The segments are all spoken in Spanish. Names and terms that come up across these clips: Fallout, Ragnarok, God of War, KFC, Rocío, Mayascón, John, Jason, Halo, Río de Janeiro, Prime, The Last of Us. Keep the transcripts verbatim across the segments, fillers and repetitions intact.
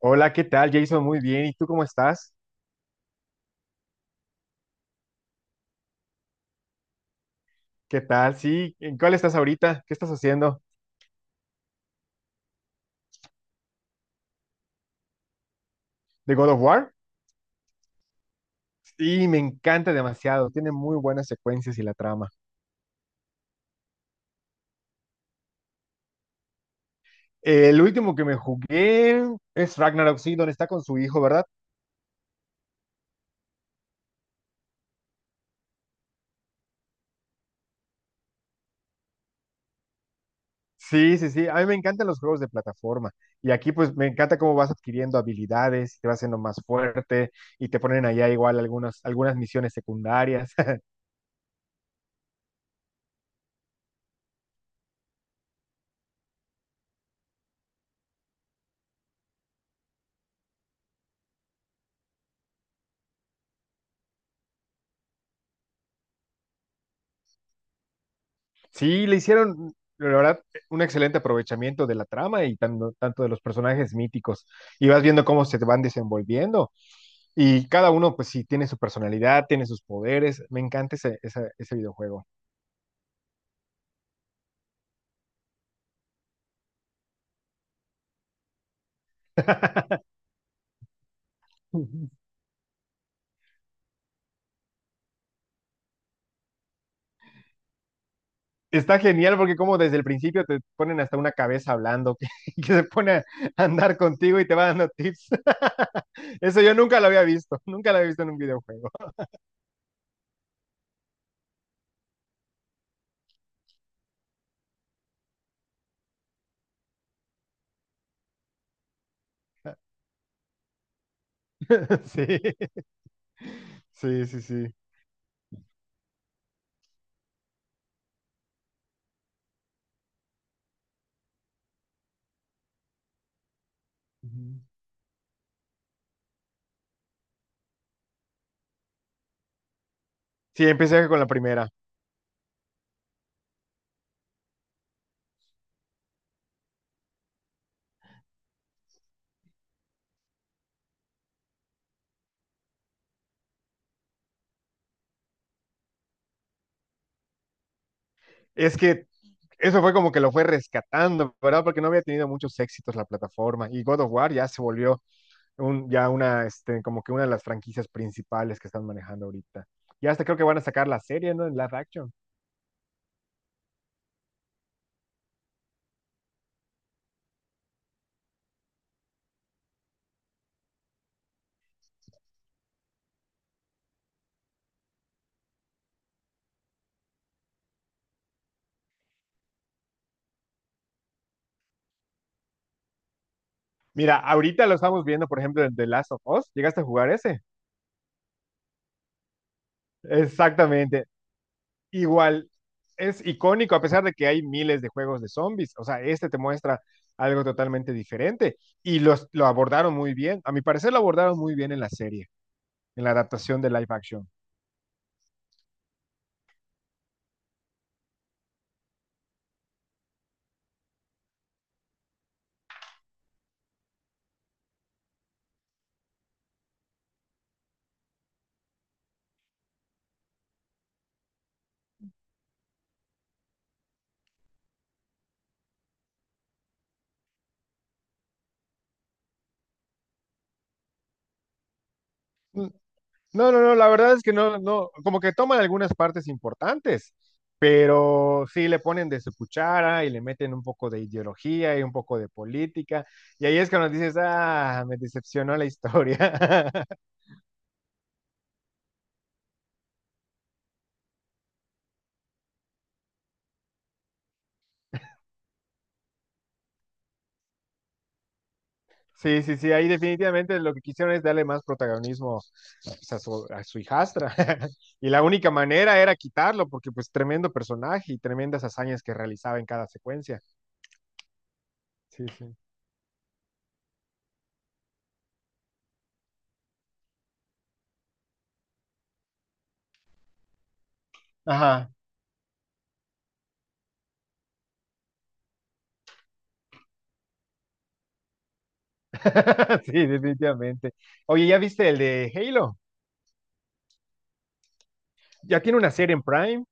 Hola, ¿qué tal, Jason? Muy bien. ¿Y tú cómo estás? ¿Qué tal? Sí, ¿en cuál estás ahorita? ¿Qué estás haciendo? ¿De God of War? Sí, me encanta demasiado. Tiene muy buenas secuencias y la trama. El último que me jugué es Ragnarok, sí, donde está con su hijo, ¿verdad? Sí, sí, sí. A mí me encantan los juegos de plataforma. Y aquí, pues, me encanta cómo vas adquiriendo habilidades, te vas haciendo más fuerte y te ponen allá igual algunas, algunas misiones secundarias. Sí, le hicieron, la verdad, un excelente aprovechamiento de la trama y tanto, tanto de los personajes míticos. Y vas viendo cómo se te van desenvolviendo. Y cada uno, pues sí, tiene su personalidad, tiene sus poderes. Me encanta ese, esa- ese videojuego. Ujú. Está genial porque como desde el principio te ponen hasta una cabeza hablando que, que se pone a andar contigo y te va dando tips. Eso yo nunca lo había visto, nunca lo había visto en un videojuego. Sí, sí, sí, sí. Ujú. Sí, empecé con la primera. Es que eso fue como que lo fue rescatando, ¿verdad? Porque no había tenido muchos éxitos la plataforma y God of War ya se volvió un, ya una, este, como que una de las franquicias principales que están manejando ahorita. Y hasta creo que van a sacar la serie, ¿no? En live action. Mira, ahorita lo estamos viendo, por ejemplo, en The Last of Us. ¿Llegaste a jugar ese? Exactamente. Igual, es icónico, a pesar de que hay miles de juegos de zombies. O sea, este te muestra algo totalmente diferente. Y los, lo abordaron muy bien. A mi parecer lo abordaron muy bien en la serie, en la adaptación de live action. Mm, no, no, no, la verdad es que no, no, como que toman algunas partes importantes, pero sí le ponen de su cuchara y le meten un poco de ideología y un poco de política, y ahí es cuando dices, ah, me decepcionó la historia. Sí, sí, sí, ahí definitivamente lo que quisieron es darle más protagonismo pues, a, su, a su hijastra, y la única manera era quitarlo, porque pues tremendo personaje y tremendas hazañas que realizaba en cada secuencia. Sí, sí. Ajá. Sí, definitivamente. Oye, ¿ya viste el de Halo? Ya tiene una serie en Prime.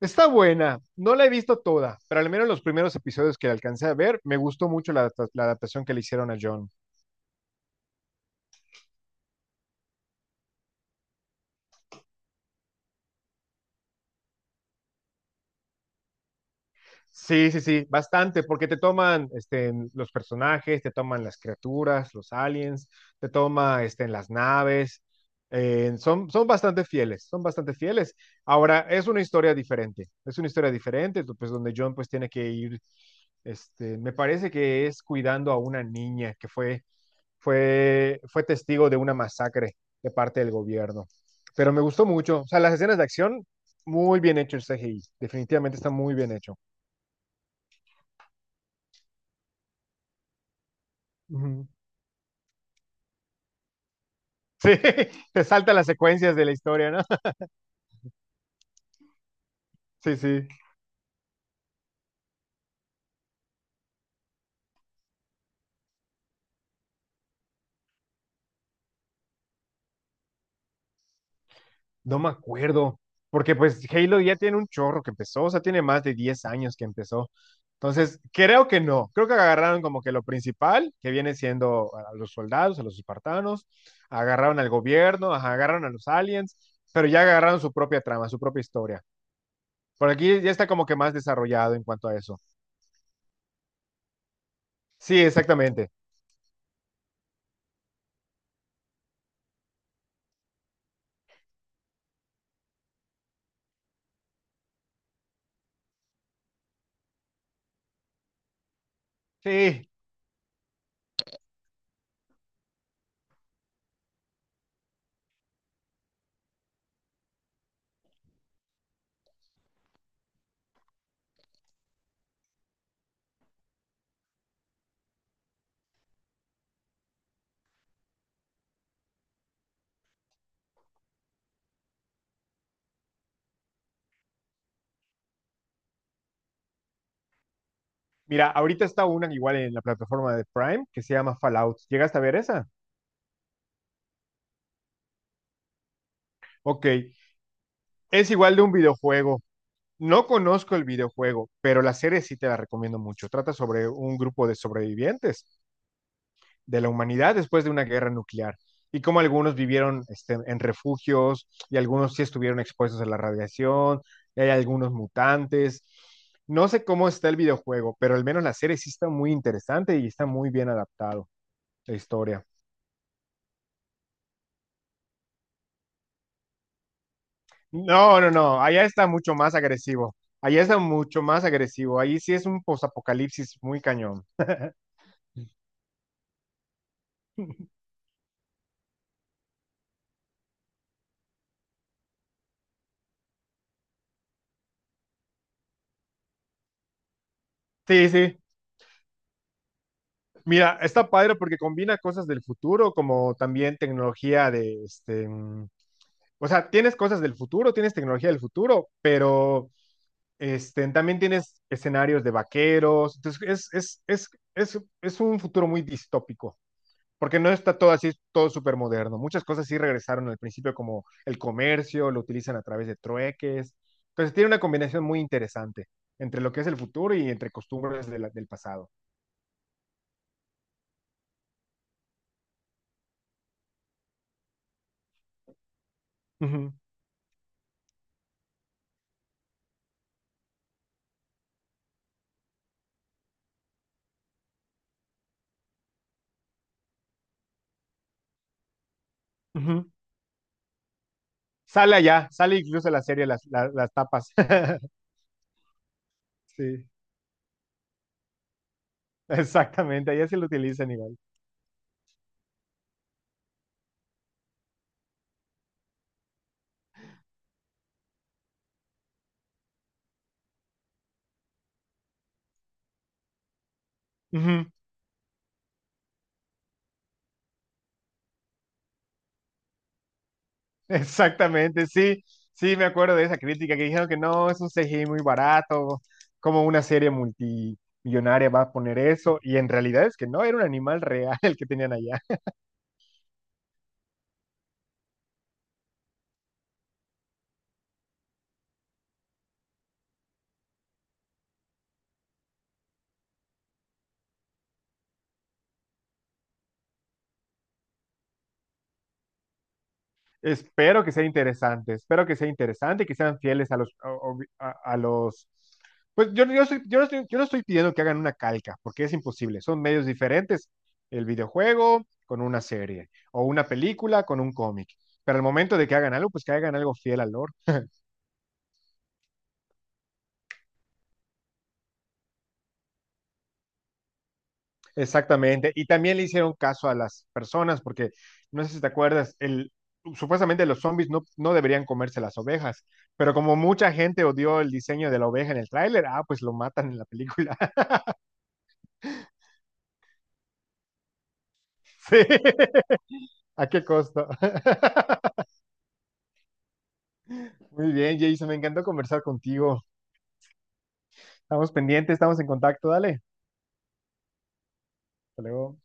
Está buena, no la he visto toda, pero al menos los primeros episodios que alcancé a ver, me gustó mucho la, adapta- la adaptación que le hicieron a John. Sí, sí, sí, bastante, porque te toman este, los personajes, te toman las criaturas, los aliens, te toma este, las naves. Eh, son, son bastante fieles, son bastante fieles. Ahora, es una historia diferente, es una historia diferente, tú, pues donde John pues tiene que ir, este, me parece que es cuidando a una niña que fue, fue, fue testigo de una masacre de parte del gobierno. Pero me gustó mucho, o sea, las escenas de acción, muy bien hecho el C G I, definitivamente está muy bien hecho. Ujú. Sí, te salta las secuencias de la historia, ¿no? Sí, sí. No me acuerdo. Porque pues Halo ya tiene un chorro que empezó, o sea, tiene más de diez años que empezó. Entonces, creo que no. Creo que agarraron como que lo principal, que viene siendo a los soldados, a los espartanos, agarraron al gobierno, ajá, agarraron a los aliens, pero ya agarraron su propia trama, su propia historia. Por aquí ya está como que más desarrollado en cuanto a eso. Sí, exactamente. Sí. Mira, ahorita está una igual en la plataforma de Prime que se llama Fallout. ¿Llegaste a ver esa? Ok, es igual de un videojuego. No conozco el videojuego, pero la serie sí te la recomiendo mucho. Trata sobre un grupo de sobrevivientes de la humanidad después de una guerra nuclear y cómo algunos vivieron este, en refugios y algunos sí estuvieron expuestos a la radiación, y hay algunos mutantes. No sé cómo está el videojuego, pero al menos la serie sí está muy interesante y está muy bien adaptado la historia. No, no, no. Allá está mucho más agresivo. Allá está mucho más agresivo. Ahí sí es un posapocalipsis muy cañón. Sí, sí. Mira, está padre porque combina cosas del futuro como también tecnología de este. mm, O sea, tienes cosas del futuro, tienes tecnología del futuro, pero este, también tienes escenarios de vaqueros. Entonces, es, es, es, es, es un futuro muy distópico. Porque no está todo así, todo súper moderno. Muchas cosas sí regresaron al principio, como el comercio, lo utilizan a través de trueques. Entonces tiene una combinación muy interesante entre lo que es el futuro y entre costumbres de la- del pasado. Ujú, ujú. Sale allá, sale incluso la serie, las, la- las tapas. Sí, exactamente, allá sí lo utilizan igual. Ujú. Exactamente, sí, sí, me acuerdo de esa crítica que dijeron que no, es un C G I muy barato, como una serie multimillonaria va a poner eso, y en realidad es que no, era un animal real el que tenían allá. Espero que sea interesante, espero que sea interesante y que sean fieles a los, o- o- a, a los, pues yo, yo, soy- yo, no estoy, yo no estoy pidiendo que hagan una calca, porque es imposible, son medios diferentes, el videojuego con una serie, o una película con un cómic, pero al momento de que hagan algo, pues que hagan algo fiel al. Exactamente. Y también le hicieron caso a las personas, porque no sé si te acuerdas, el, supuestamente los zombies no, no deberían comerse las ovejas, pero como mucha gente odió el diseño de la oveja en el tráiler, ah, pues lo matan en la película. Sí, ¿a qué costo? Muy bien, Jason, me encantó conversar contigo. Estamos pendientes, estamos en contacto, dale. Hasta luego.